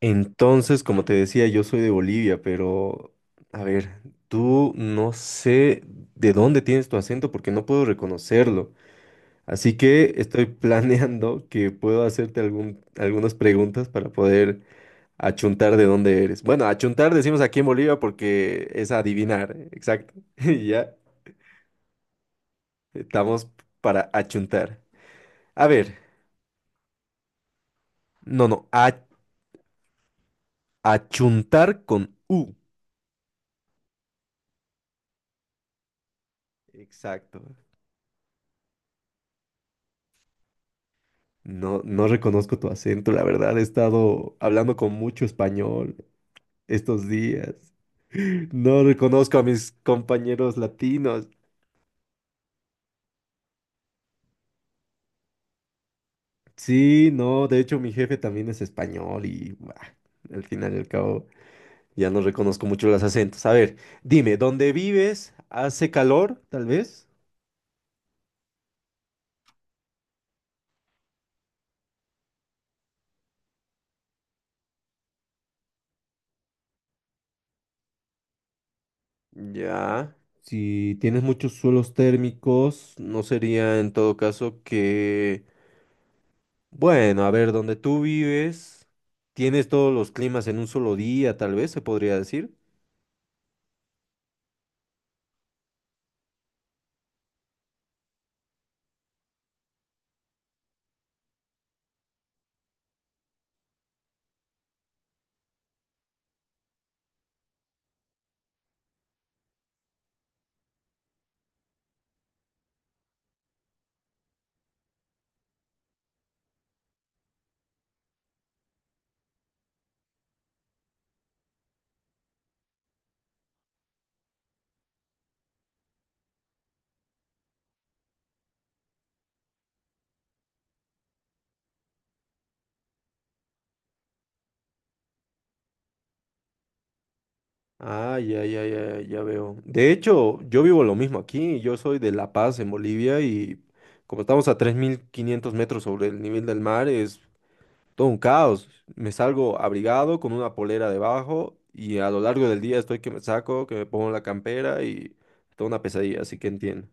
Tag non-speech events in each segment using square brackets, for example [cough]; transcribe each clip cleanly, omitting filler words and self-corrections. Entonces, como te decía, yo soy de Bolivia, pero a ver, tú no sé de dónde tienes tu acento porque no puedo reconocerlo. Así que estoy [laughs] planeando que puedo hacerte algunas preguntas para poder achuntar de dónde eres. Bueno, achuntar decimos aquí en Bolivia porque es adivinar, ¿eh? Exacto. [laughs] Y ya estamos para achuntar. A ver, no, no, achuntar con U. Exacto. No, no reconozco tu acento, la verdad, he estado hablando con mucho español estos días. [laughs] No reconozco a mis compañeros latinos. Sí, no, de hecho mi jefe también es español y bah, al final y al cabo ya no reconozco mucho los acentos. A ver, dime, ¿dónde vives? ¿Hace calor, tal vez? Ya. Si tienes muchos suelos térmicos, ¿no sería en todo caso que bueno, a ver, donde tú vives, tienes todos los climas en un solo día, tal vez se podría decir. Ah, ya, ya, ya, ya veo. De hecho, yo vivo lo mismo aquí. Yo soy de La Paz, en Bolivia, y como estamos a 3.500 metros sobre el nivel del mar, es todo un caos. Me salgo abrigado con una polera debajo y a lo largo del día estoy que me saco, que me pongo la campera y toda una pesadilla, así que entiendo.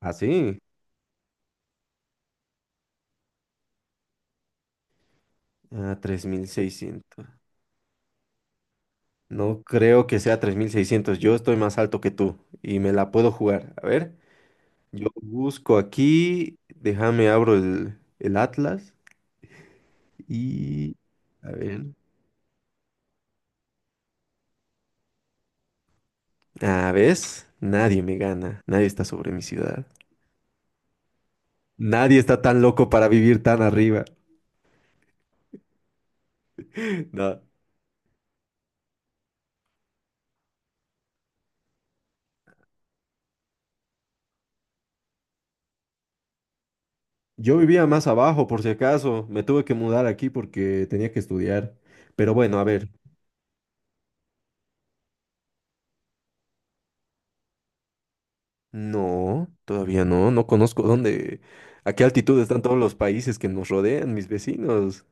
¿Ah, sí? Ah, 3.600. No creo que sea 3.600. Yo estoy más alto que tú y me la puedo jugar. A ver, yo busco aquí. Déjame, abro el Atlas y... A ver. ¿A ves? Nadie me gana. Nadie está sobre mi ciudad. Nadie está tan loco para vivir tan arriba. [laughs] No. Yo vivía más abajo, por si acaso. Me tuve que mudar aquí porque tenía que estudiar. Pero bueno, a ver. No, todavía no, no conozco dónde, a qué altitud están todos los países que nos rodean, mis vecinos.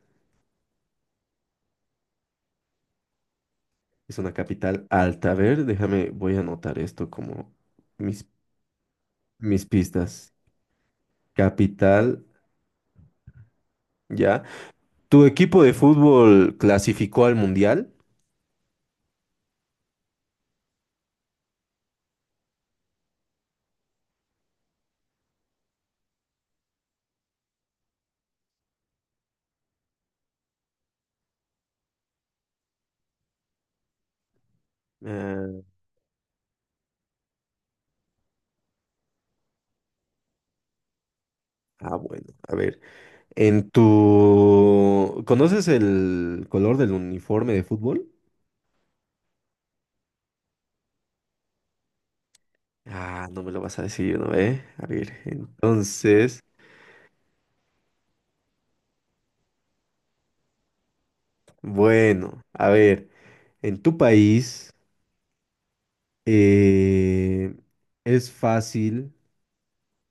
Es una capital alta. A ver, déjame, voy a anotar esto como mis, mis pistas. Capital, ya. ¿Tu equipo de fútbol clasificó al mundial? Ah, ah, bueno, a ver. En tu... ¿Conoces el color del uniforme de fútbol? Ah, no me lo vas a decir, ¿no? A ver, entonces... Bueno, a ver, en tu país, eh, es fácil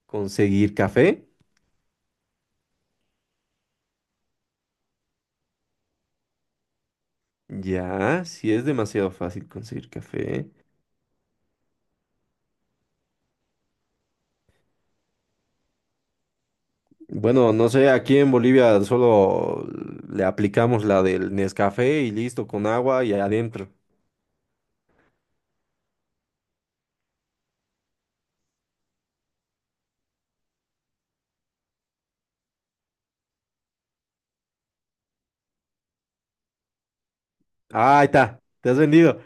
conseguir café. Ya, sí es demasiado fácil conseguir café. Bueno, no sé, aquí en Bolivia solo le aplicamos la del Nescafé y listo, con agua y adentro. Ah, ahí está,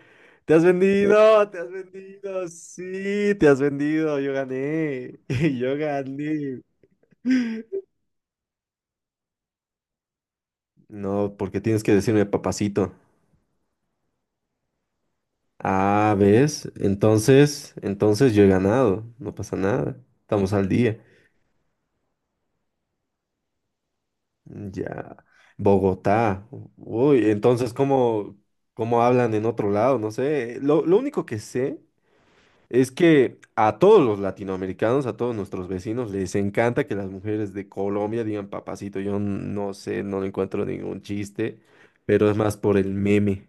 te has vendido, [laughs] te has vendido, sí, te has vendido, yo gané, [laughs] yo gané. No, porque tienes que decirme papacito. Ah, ¿ves? entonces, yo he ganado, no pasa nada, estamos al día. Mm, ya, Bogotá. Uy, entonces, ¿cómo hablan en otro lado? No sé. Lo único que sé es que a todos los latinoamericanos, a todos nuestros vecinos, les encanta que las mujeres de Colombia digan papacito. Yo no sé, no le encuentro ningún chiste, pero es más por el meme.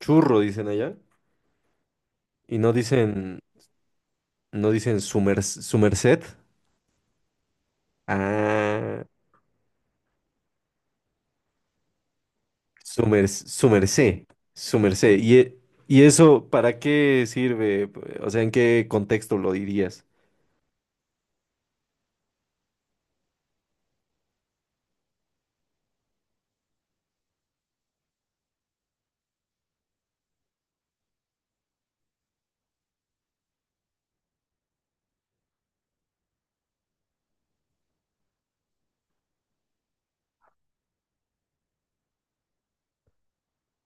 Churro, dicen allá. Y no dicen, no dicen su merced. Ah, su merced, su merced. ¿Y, y eso para qué sirve? O sea, ¿en qué contexto lo dirías?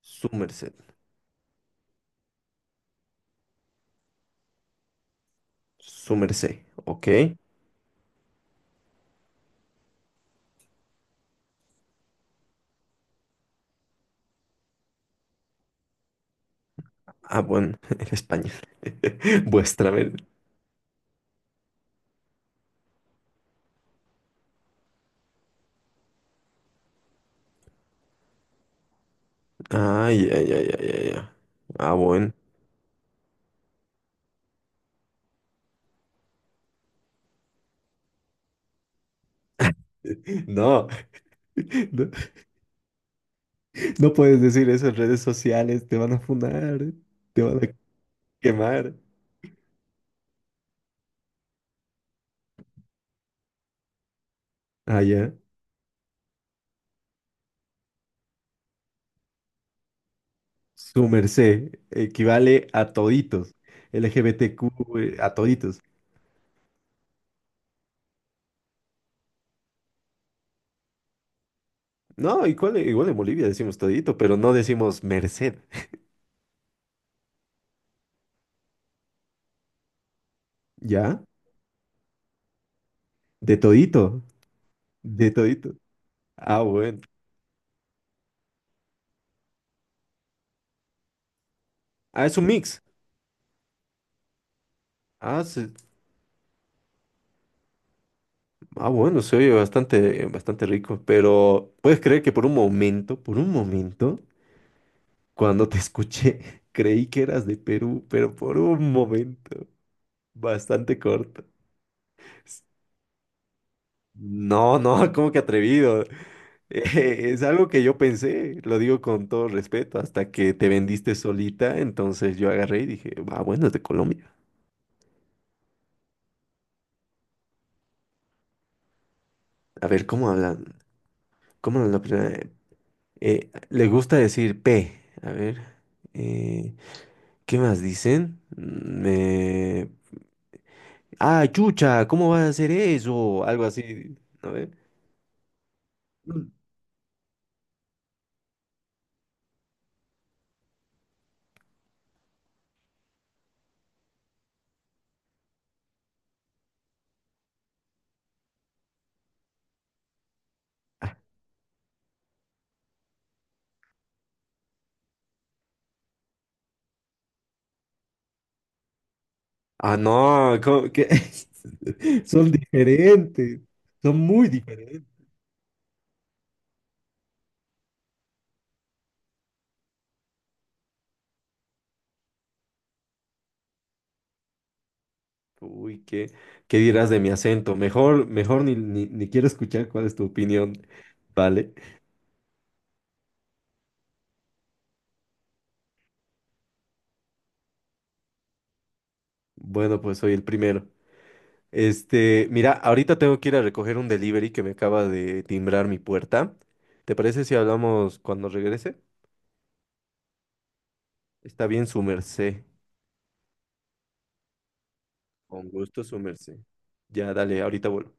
Su merced, su merced, ok. Ah, bueno, [laughs] en español. [laughs] Vuestra merced. Ah, ya, ya, ya, ya, ya. Ah, bueno. No, [laughs] no, no puedes decir eso en redes sociales, te van a funar, te van a quemar. Ah, ya. Su merced equivale a toditos, LGBTQ, a toditos. No, igual, igual en Bolivia decimos todito, pero no decimos merced, ¿ya? De todito, de todito. Ah, bueno. Ah, es un mix. Ah, ah, bueno, se oye bastante, bastante rico, pero puedes creer que por un momento, cuando te escuché, [laughs] creí que eras de Perú, pero por un momento, bastante corto. No, no, [laughs] ¿cómo que atrevido? [laughs] Es algo que yo pensé, lo digo con todo respeto, hasta que te vendiste solita, entonces yo agarré y dije, ah, bueno, es de Colombia. A ver, ¿cómo hablan? ¿Cómo hablan la primera? Les gusta decir P. A ver, eh, ¿qué más dicen? Mm, ah, chucha, ¿cómo vas a hacer eso? Algo así, a ver. Mm. Ah, no, ¿cómo, qué? [laughs] Son diferentes, son muy diferentes. Uy, ¿qué, qué dirás de mi acento? Mejor, mejor ni quiero escuchar cuál es tu opinión. Vale. Bueno, pues soy el primero. Este, mira, ahorita tengo que ir a recoger un delivery que me acaba de timbrar mi puerta. ¿Te parece si hablamos cuando regrese? Está bien, su merced. Con gusto, su merced. Ya, dale, ahorita vuelvo.